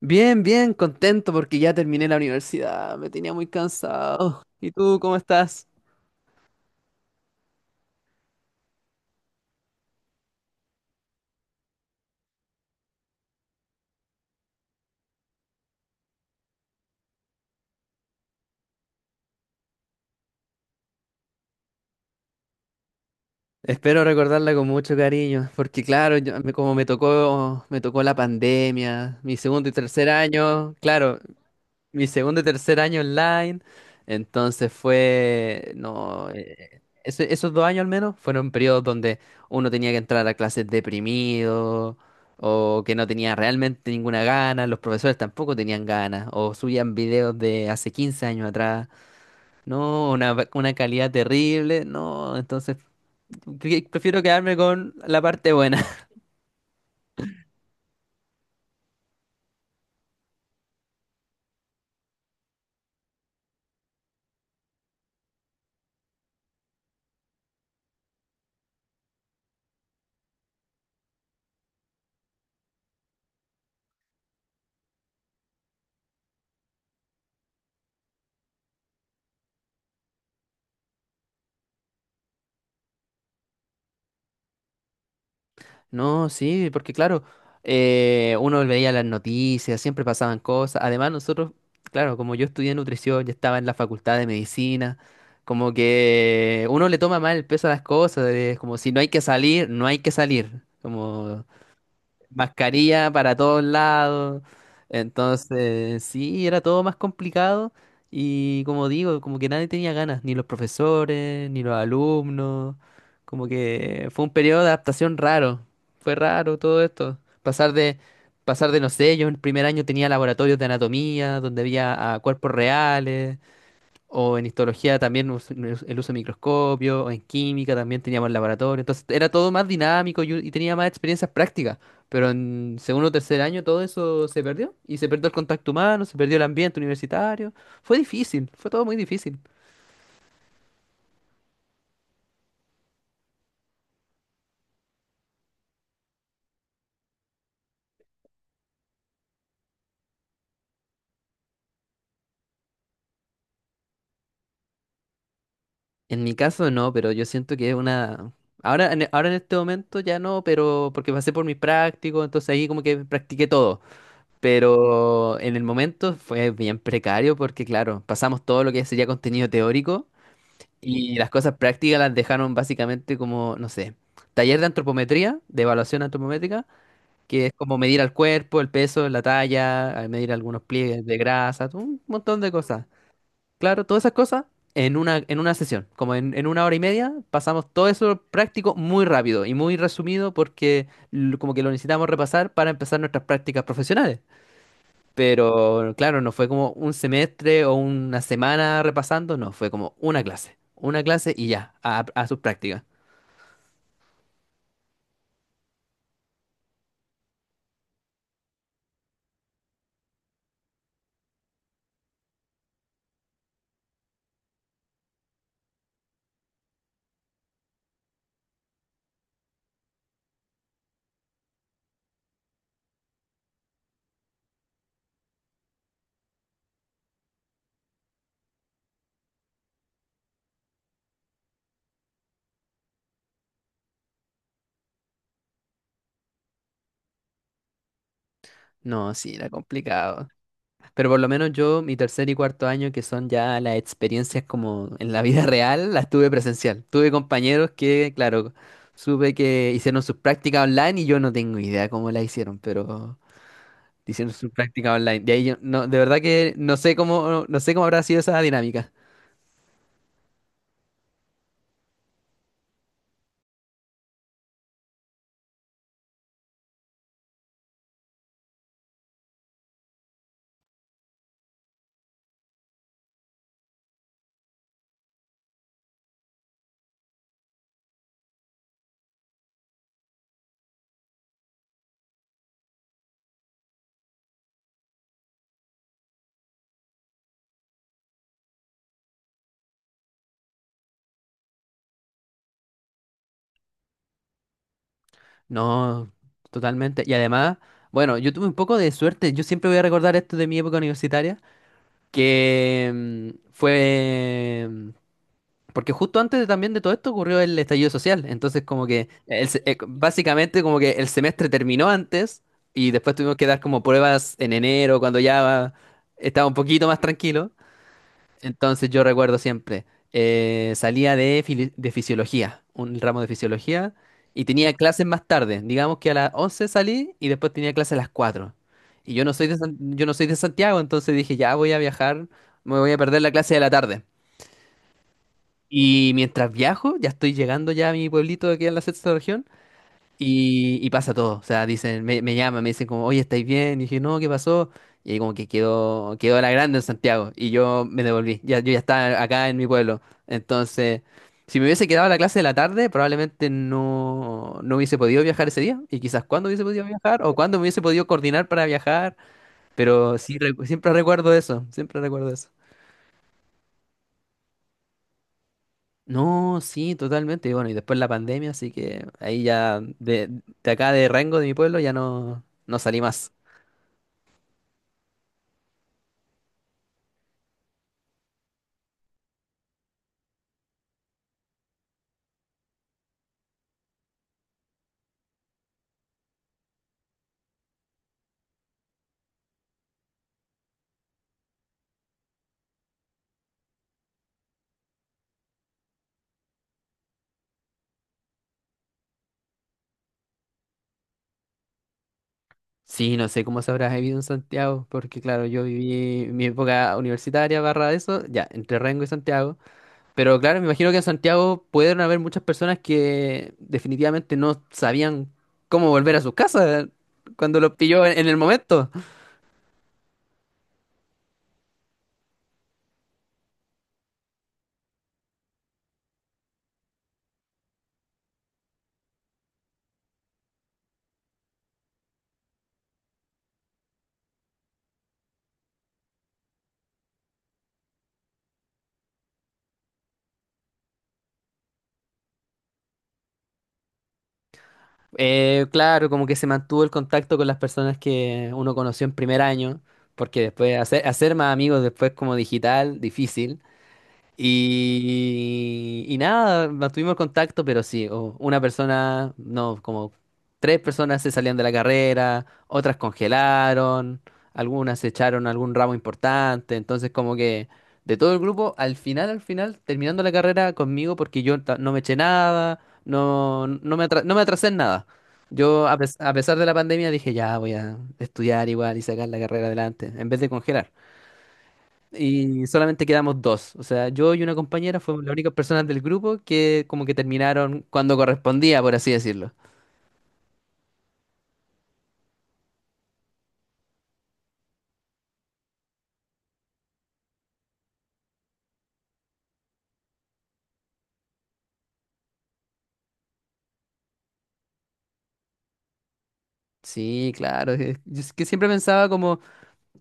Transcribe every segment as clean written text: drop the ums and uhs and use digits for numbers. Bien, bien, contento porque ya terminé la universidad, me tenía muy cansado. ¿Y tú cómo estás? Espero recordarla con mucho cariño, porque claro, como me tocó la pandemia, mi segundo y tercer año, claro, mi segundo y tercer año online. Entonces fue, no, eh, ese- esos dos años al menos fueron periodos donde uno tenía que entrar a clases deprimido o que no tenía realmente ninguna gana. Los profesores tampoco tenían ganas o subían videos de hace 15 años atrás, no, una, una calidad terrible, no, entonces prefiero quedarme con la parte buena. No, sí, porque claro, uno veía las noticias, siempre pasaban cosas. Además, nosotros, claro, como yo estudié nutrición, ya estaba en la facultad de medicina, como que uno le toma mal el peso a las cosas, es como si no hay que salir, no hay que salir. Como mascarilla para todos lados. Entonces, sí, era todo más complicado y como digo, como que nadie tenía ganas, ni los profesores, ni los alumnos, como que fue un periodo de adaptación raro, fue raro todo esto, pasar de, no sé, yo en el primer año tenía laboratorios de anatomía, donde había ah, cuerpos reales, o en histología también el uso de microscopio, o en química también teníamos el laboratorio. Entonces era todo más dinámico y tenía más experiencias prácticas. Pero en segundo o tercer año todo eso se perdió. Y se perdió el contacto humano, se perdió el ambiente universitario. Fue difícil, fue todo muy difícil. En mi caso no, pero yo siento que es una... Ahora en este momento ya no, pero porque pasé por mi práctico, entonces ahí como que practiqué todo. Pero en el momento fue bien precario porque, claro, pasamos todo lo que sería contenido teórico. Y las cosas prácticas las dejaron básicamente como, no sé, taller de antropometría, de evaluación antropométrica, que es como medir al cuerpo, el peso, la talla, al medir algunos pliegues de grasa, un montón de cosas. Claro, todas esas cosas en una sesión, como en 1 hora y media, pasamos todo eso práctico muy rápido y muy resumido porque como que lo necesitamos repasar para empezar nuestras prácticas profesionales. Pero claro, no fue como un semestre o una semana repasando, no, fue como una clase y ya, a sus prácticas. No, sí, era complicado. Pero por lo menos yo, mi tercer y cuarto año, que son ya las experiencias como en la vida real, las tuve presencial. Tuve compañeros que, claro, supe que hicieron sus prácticas online y yo no tengo idea cómo las hicieron, pero hicieron sus prácticas online. De ahí yo, no, de verdad que no sé cómo, no sé cómo habrá sido esa dinámica. No, totalmente. Y además, bueno, yo tuve un poco de suerte. Yo siempre voy a recordar esto de mi época universitaria, que porque justo también de todo esto ocurrió el estallido social. Entonces, como que básicamente como que el semestre terminó antes y después tuvimos que dar como pruebas en enero, cuando ya estaba un poquito más tranquilo. Entonces yo recuerdo siempre, salía de, de fisiología, un ramo de fisiología, y tenía clases más tarde. Digamos que a las 11 salí y después tenía clases a las 4. Y yo no soy de, yo no soy de Santiago, entonces dije, ya voy a viajar, me voy a perder la clase de la tarde. Y mientras viajo, ya estoy llegando ya a mi pueblito que queda en la sexta región, y pasa todo, o sea, dicen, me llaman, me dicen como, oye, ¿estáis bien? Y dije, no, ¿qué pasó? Y ahí como que quedó la grande en Santiago, y yo me devolví, ya, yo ya estaba acá en mi pueblo. Entonces, si me hubiese quedado la clase de la tarde, probablemente no, no hubiese podido viajar ese día, y quizás cuándo hubiese podido viajar, o cuándo me hubiese podido coordinar para viajar, pero sí, siempre recuerdo eso, siempre recuerdo eso. No, sí, totalmente, y bueno, y después la pandemia, así que ahí ya, de acá de Rengo, de mi pueblo, ya no, no salí más. Sí, no sé cómo se habrá vivido en Santiago, porque claro, yo viví mi época universitaria barra eso, ya, entre Rengo y Santiago, pero claro, me imagino que en Santiago pudieron haber muchas personas que definitivamente no sabían cómo volver a sus casas cuando los pilló en el momento. Claro, como que se mantuvo el contacto con las personas que uno conoció en primer año, porque después hacer más amigos después como digital, difícil. Y nada, mantuvimos contacto, pero sí, una persona, no, como 3 personas se salían de la carrera, otras congelaron, algunas se echaron algún ramo importante, entonces como que de todo el grupo, al final, terminando la carrera conmigo, porque no me eché nada, no, no no me atrasé en nada. Yo, a pesar de la pandemia, dije, ya voy a estudiar igual y sacar la carrera adelante, en vez de congelar. Y solamente quedamos dos. O sea, yo y una compañera fuimos las únicas personas del grupo que como que terminaron cuando correspondía, por así decirlo. Sí, claro. Yo es que siempre pensaba como,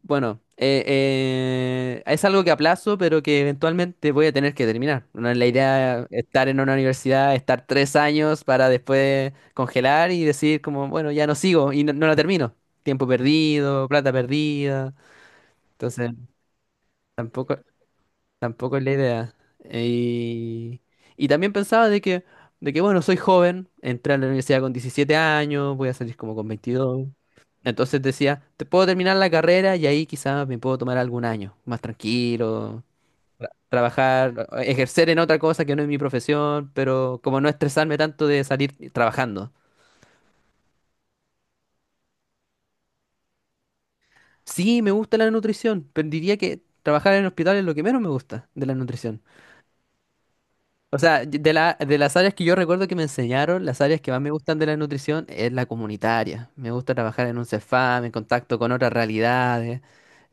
bueno, es algo que aplazo, pero que eventualmente voy a tener que terminar. No es la idea estar en una universidad, estar 3 años para después congelar y decir como, bueno, ya no sigo y no, no la termino. Tiempo perdido, plata perdida. Entonces, tampoco. Tampoco es la idea. Y, y también pensaba de que, bueno, soy joven, entré a la universidad con 17 años, voy a salir como con 22. Entonces decía, te puedo terminar la carrera y ahí quizás me puedo tomar algún año, más tranquilo, trabajar, ejercer en otra cosa que no es mi profesión, pero como no estresarme tanto de salir trabajando. Sí, me gusta la nutrición, pero diría que trabajar en hospital es lo que menos me gusta de la nutrición. O sea, de las áreas que yo recuerdo que me enseñaron, las áreas que más me gustan de la nutrición es la comunitaria. Me gusta trabajar en un CEFAM, en contacto con otras realidades.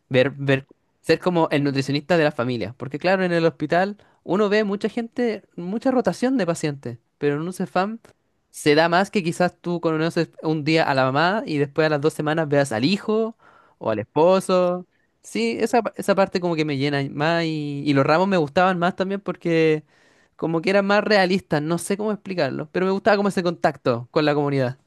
Ver, ser como el nutricionista de la familia. Porque claro, en el hospital uno ve mucha gente, mucha rotación de pacientes, pero en un Cefam se da más que quizás tú conoces un día a la mamá y después a las 2 semanas veas al hijo o al esposo. Sí, esa, esa parte como que me llena más y los ramos me gustaban más también porque como que eran más realistas, no sé cómo explicarlo, pero me gustaba como ese contacto con la comunidad.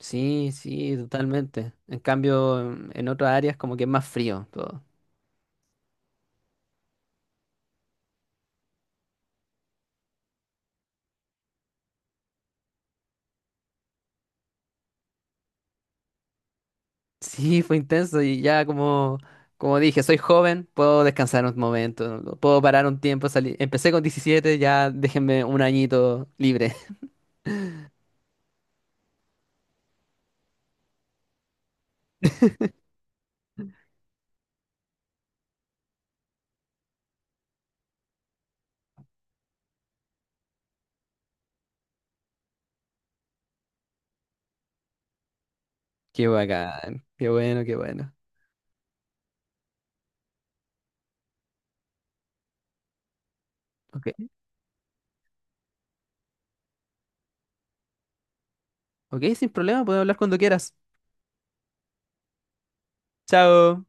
Sí, sí, totalmente. En cambio, en otras áreas como que es más frío todo. Sí, fue intenso y ya como, como dije, soy joven, puedo descansar un momento, puedo parar un tiempo, salir. Empecé con 17 ya déjenme un añito libre. Qué bacán, qué bueno, qué bueno. Ok, ok, sin problema, puedo hablar cuando quieras. Chao.